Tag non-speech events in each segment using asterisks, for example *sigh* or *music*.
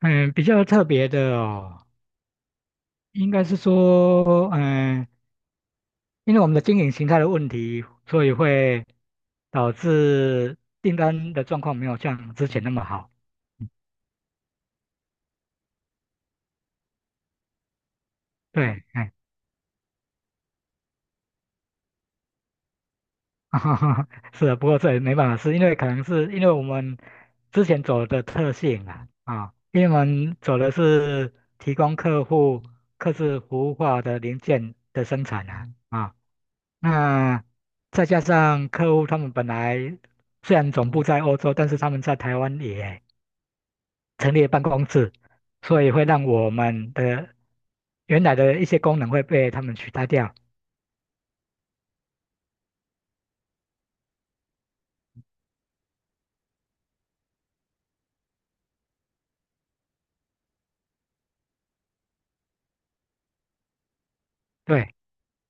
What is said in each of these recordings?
嗯，比较特别的哦，应该是说，嗯，因为我们的经营形态的问题，所以会导致订单的状况没有像之前那么好。对，哎，*laughs* 是的，不过这也没办法，是因为可能是因为我们之前走的特性啊，啊，因为我们走的是提供客户客制服务化的零件的生产啊，啊，那再加上客户他们本来虽然总部在欧洲，但是他们在台湾也成立了办公室，所以会让我们的原来的一些功能会被他们取代掉。对。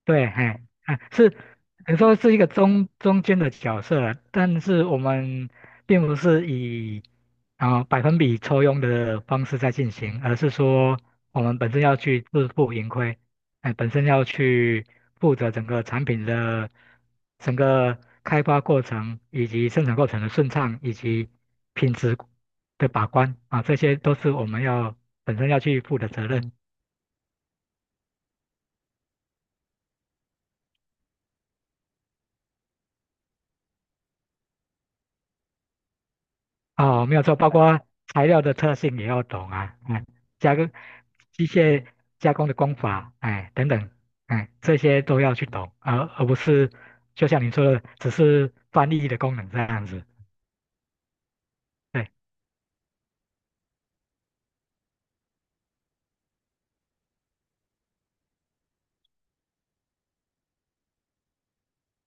对，哎，啊，是，你说是一个中间的角色，但是我们并不是以啊、百分比抽佣的方式在进行，而是说我们本身要去自负盈亏，哎，本身要去负责整个产品的整个开发过程以及生产过程的顺畅以及品质的把关啊，这些都是我们要本身要去负的责任。哦，没有错，包括材料的特性也要懂啊，哎，加工机械加工的工法，哎，等等，哎，这些都要去懂，而不是就像你说的，只是翻译的功能这样子。对，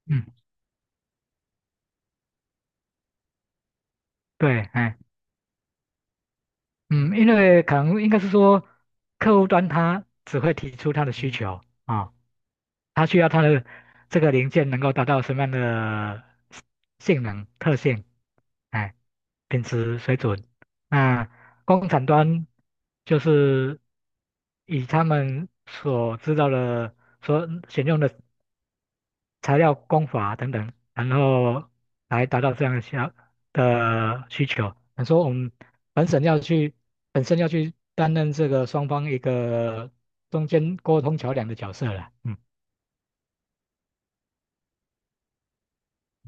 嗯，对，哎，嗯，因为可能应该是说，客户端他只会提出他的需求啊，哦它需要它的这个零件能够达到什么样的性能特性，哎，品质水准。那工厂端就是以他们所知道的、所选用的材料工法等等，然后来达到这样的需要的需求。你说我们本省要去，本身要去担任这个双方一个中间沟通桥梁的角色了，嗯。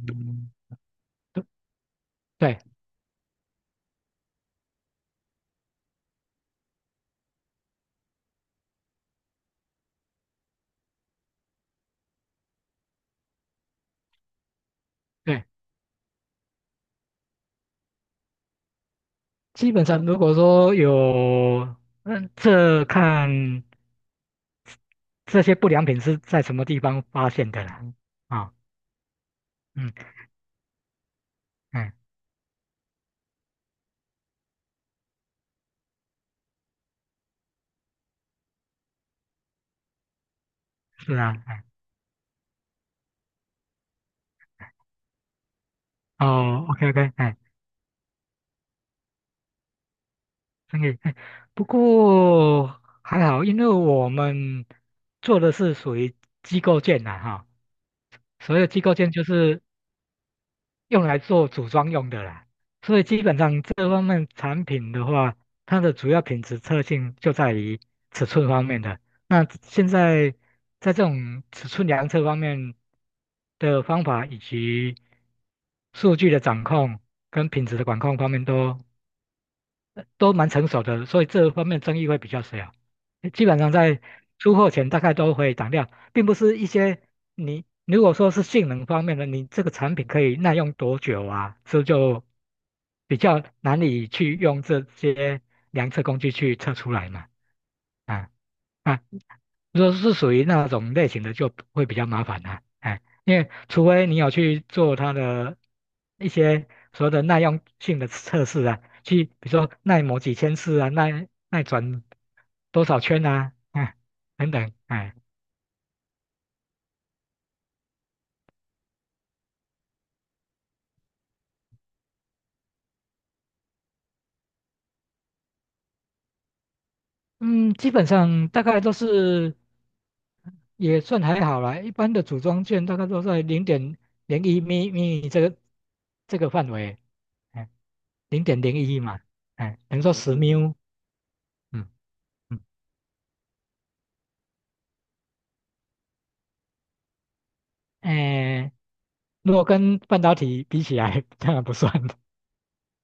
嗯对对，基本上如果说有，嗯，这看这些不良品是在什么地方发现的啦。啊、嗯嗯，是啊，哎，哦，OK OK,哎，生意，哎，不过还好，因为我们做的是属于机构件的哈，所有机构件就是用来做组装用的啦。所以基本上这方面产品的话，它的主要品质特性就在于尺寸方面的。那现在在这种尺寸量测方面的方法以及数据的掌控跟品质的管控方面都蛮成熟的，所以这方面争议会比较小。基本上在出货前大概都会挡掉，并不是一些你如果说是性能方面的，你这个产品可以耐用多久啊，这就比较难以去用这些量测工具去测出来嘛。啊啊，如果是属于那种类型的，就会比较麻烦啦、哎，因为除非你有去做它的一些所谓的耐用性的测试啊，去比如说耐磨几千次啊，耐转多少圈啊，哎，等等，哎，嗯，基本上大概都是也算还好啦，一般的组装件大概都在零点零一米米这个这个范围，哎，零点零一嘛，哎，等于说十秒，嗯嗯，哎。如果跟半导体比起来，当然不算。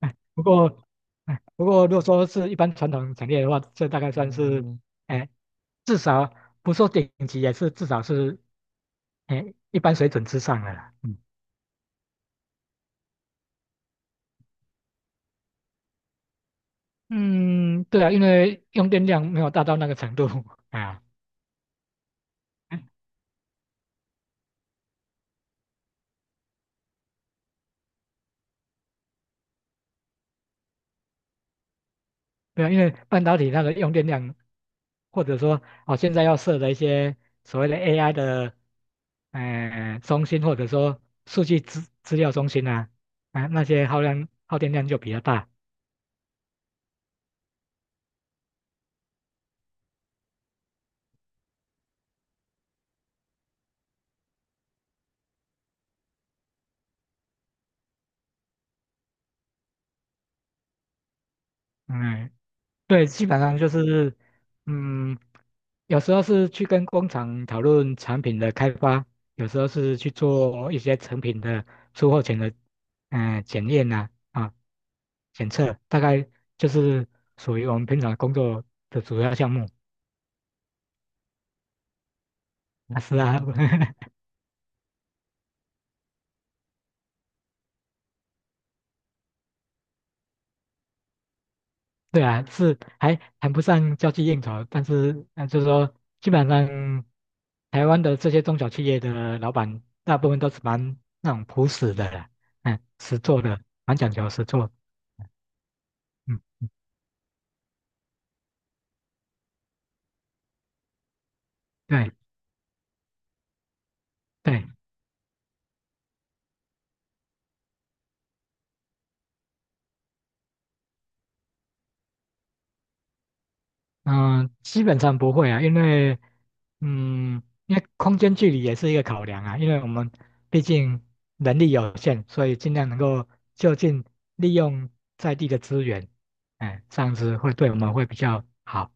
*laughs* 不过，哎不过如果说是一般传统产业的话，这大概算是，哎，至少不说顶级，也是至少是，哎，一般水准之上的啦。嗯，嗯对啊，因为用电量没有大到那个程度 *laughs* 啊。对啊，因为半导体它的用电量，或者说哦，现在要设的一些所谓的 AI 的。哎、中心或者说数据资料中心啊，啊、那些耗量耗电量就比较大。嗯，对，基本上就是，嗯，有时候是去跟工厂讨论产品的开发，有时候是去做一些成品的出货前的，嗯、检验呐啊，啊检测，大概就是属于我们平常工作的主要项目。啊，是啊，*laughs* 对啊，是还谈不上交际应酬，但是就是说，基本上台湾的这些中小企业的老板，大部分都是蛮那种朴实的啦，嗯，实做的，蛮讲究实做，嗯，对对。嗯、基本上不会啊，因为，嗯，因为空间距离也是一个考量啊，因为我们毕竟能力有限，所以尽量能够就近利用在地的资源，哎，这样子会对我们会比较好，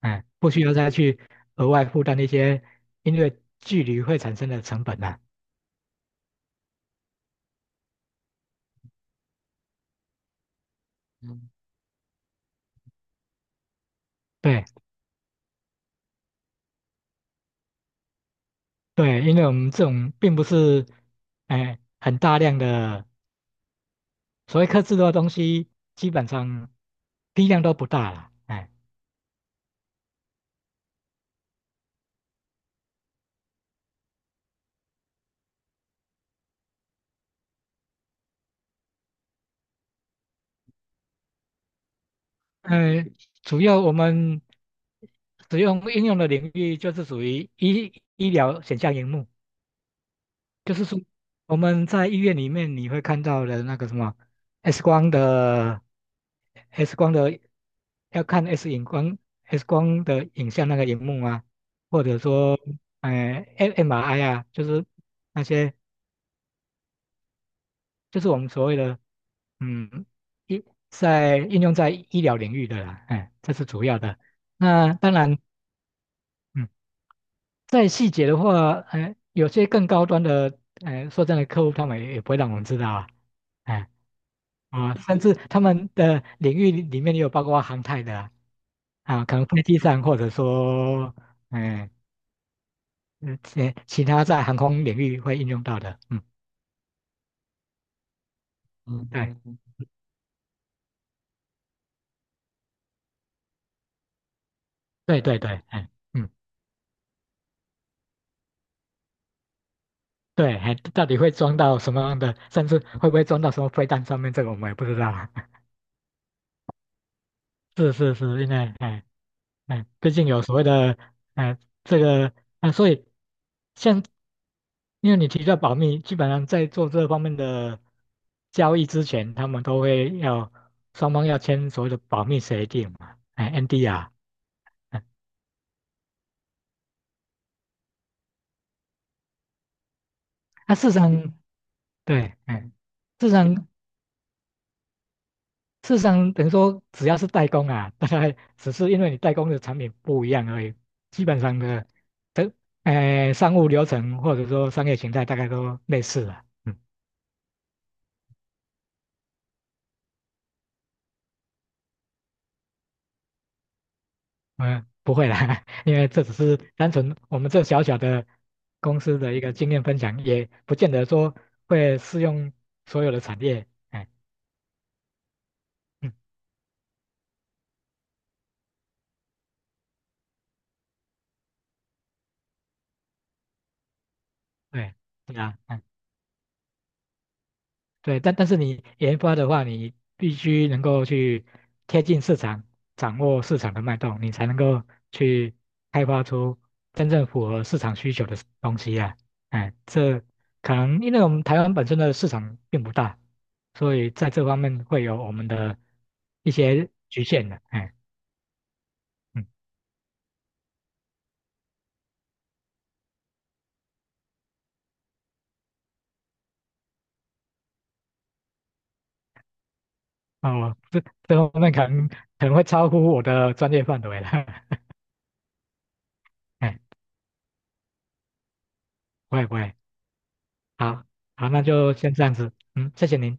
哎，不需要再去额外负担一些因为距离会产生的成本啊。嗯对对，因为我们这种并不是，哎，很大量的。所谓克制的东西，基本上批量都不大了，哎，呃，主要我们使用应用的领域就是属于医医疗显像荧幕，就是说我们在医院里面你会看到的那个什么 X 光的 X 光的要看 X 荧光 X 光的影像那个荧幕啊，或者说呃 MRI 啊，就是。那些就是我们所谓的嗯医在应用在医疗领域的啦，哎，这是主要的。那当然，嗯，在细节的话，哎，有些更高端的，哎，说真的，客户他们也不会让我们知道啊，哎，啊，甚至他们的领域里面也有包括航太的啊，啊可能飞机上或者说，哎，嗯，其他在航空领域会应用到的，嗯，对，对对对，哎。嗯对，还到底会装到什么样的，甚至会不会装到什么飞弹上面，这个我们也不知道啊。*laughs* 是是是，因为哎哎，毕竟有所谓的哎这个啊，所以像因为你提到保密，基本上在做这方面的交易之前，他们都会要双方要签所谓的保密协定嘛，哎 n d r 哎那、事实上对，哎，事实上事实上，等于说只要是代工啊，*laughs* 大概只是因为你代工的产品不一样而已，基本上的，这商务流程或者说商业形态大概都类似了。嗯嗯，不会啦，*laughs* 因为这只是单纯我们这小小的公司的一个经验分享，也不见得说会适用所有的产业。哎，嗯，对，对啊，嗯对，但但是你研发的话，你必须能够去贴近市场，掌握市场的脉动，你才能够去开发出真正符合市场需求的东西啊。哎，这可能因为我们台湾本身的市场并不大，所以在这方面会有我们的一些局限的。哎，嗯，那我这方面可能会超乎我的专业范围了。*laughs* 哎，不会不会，好，好，那就先这样子。嗯，谢谢您。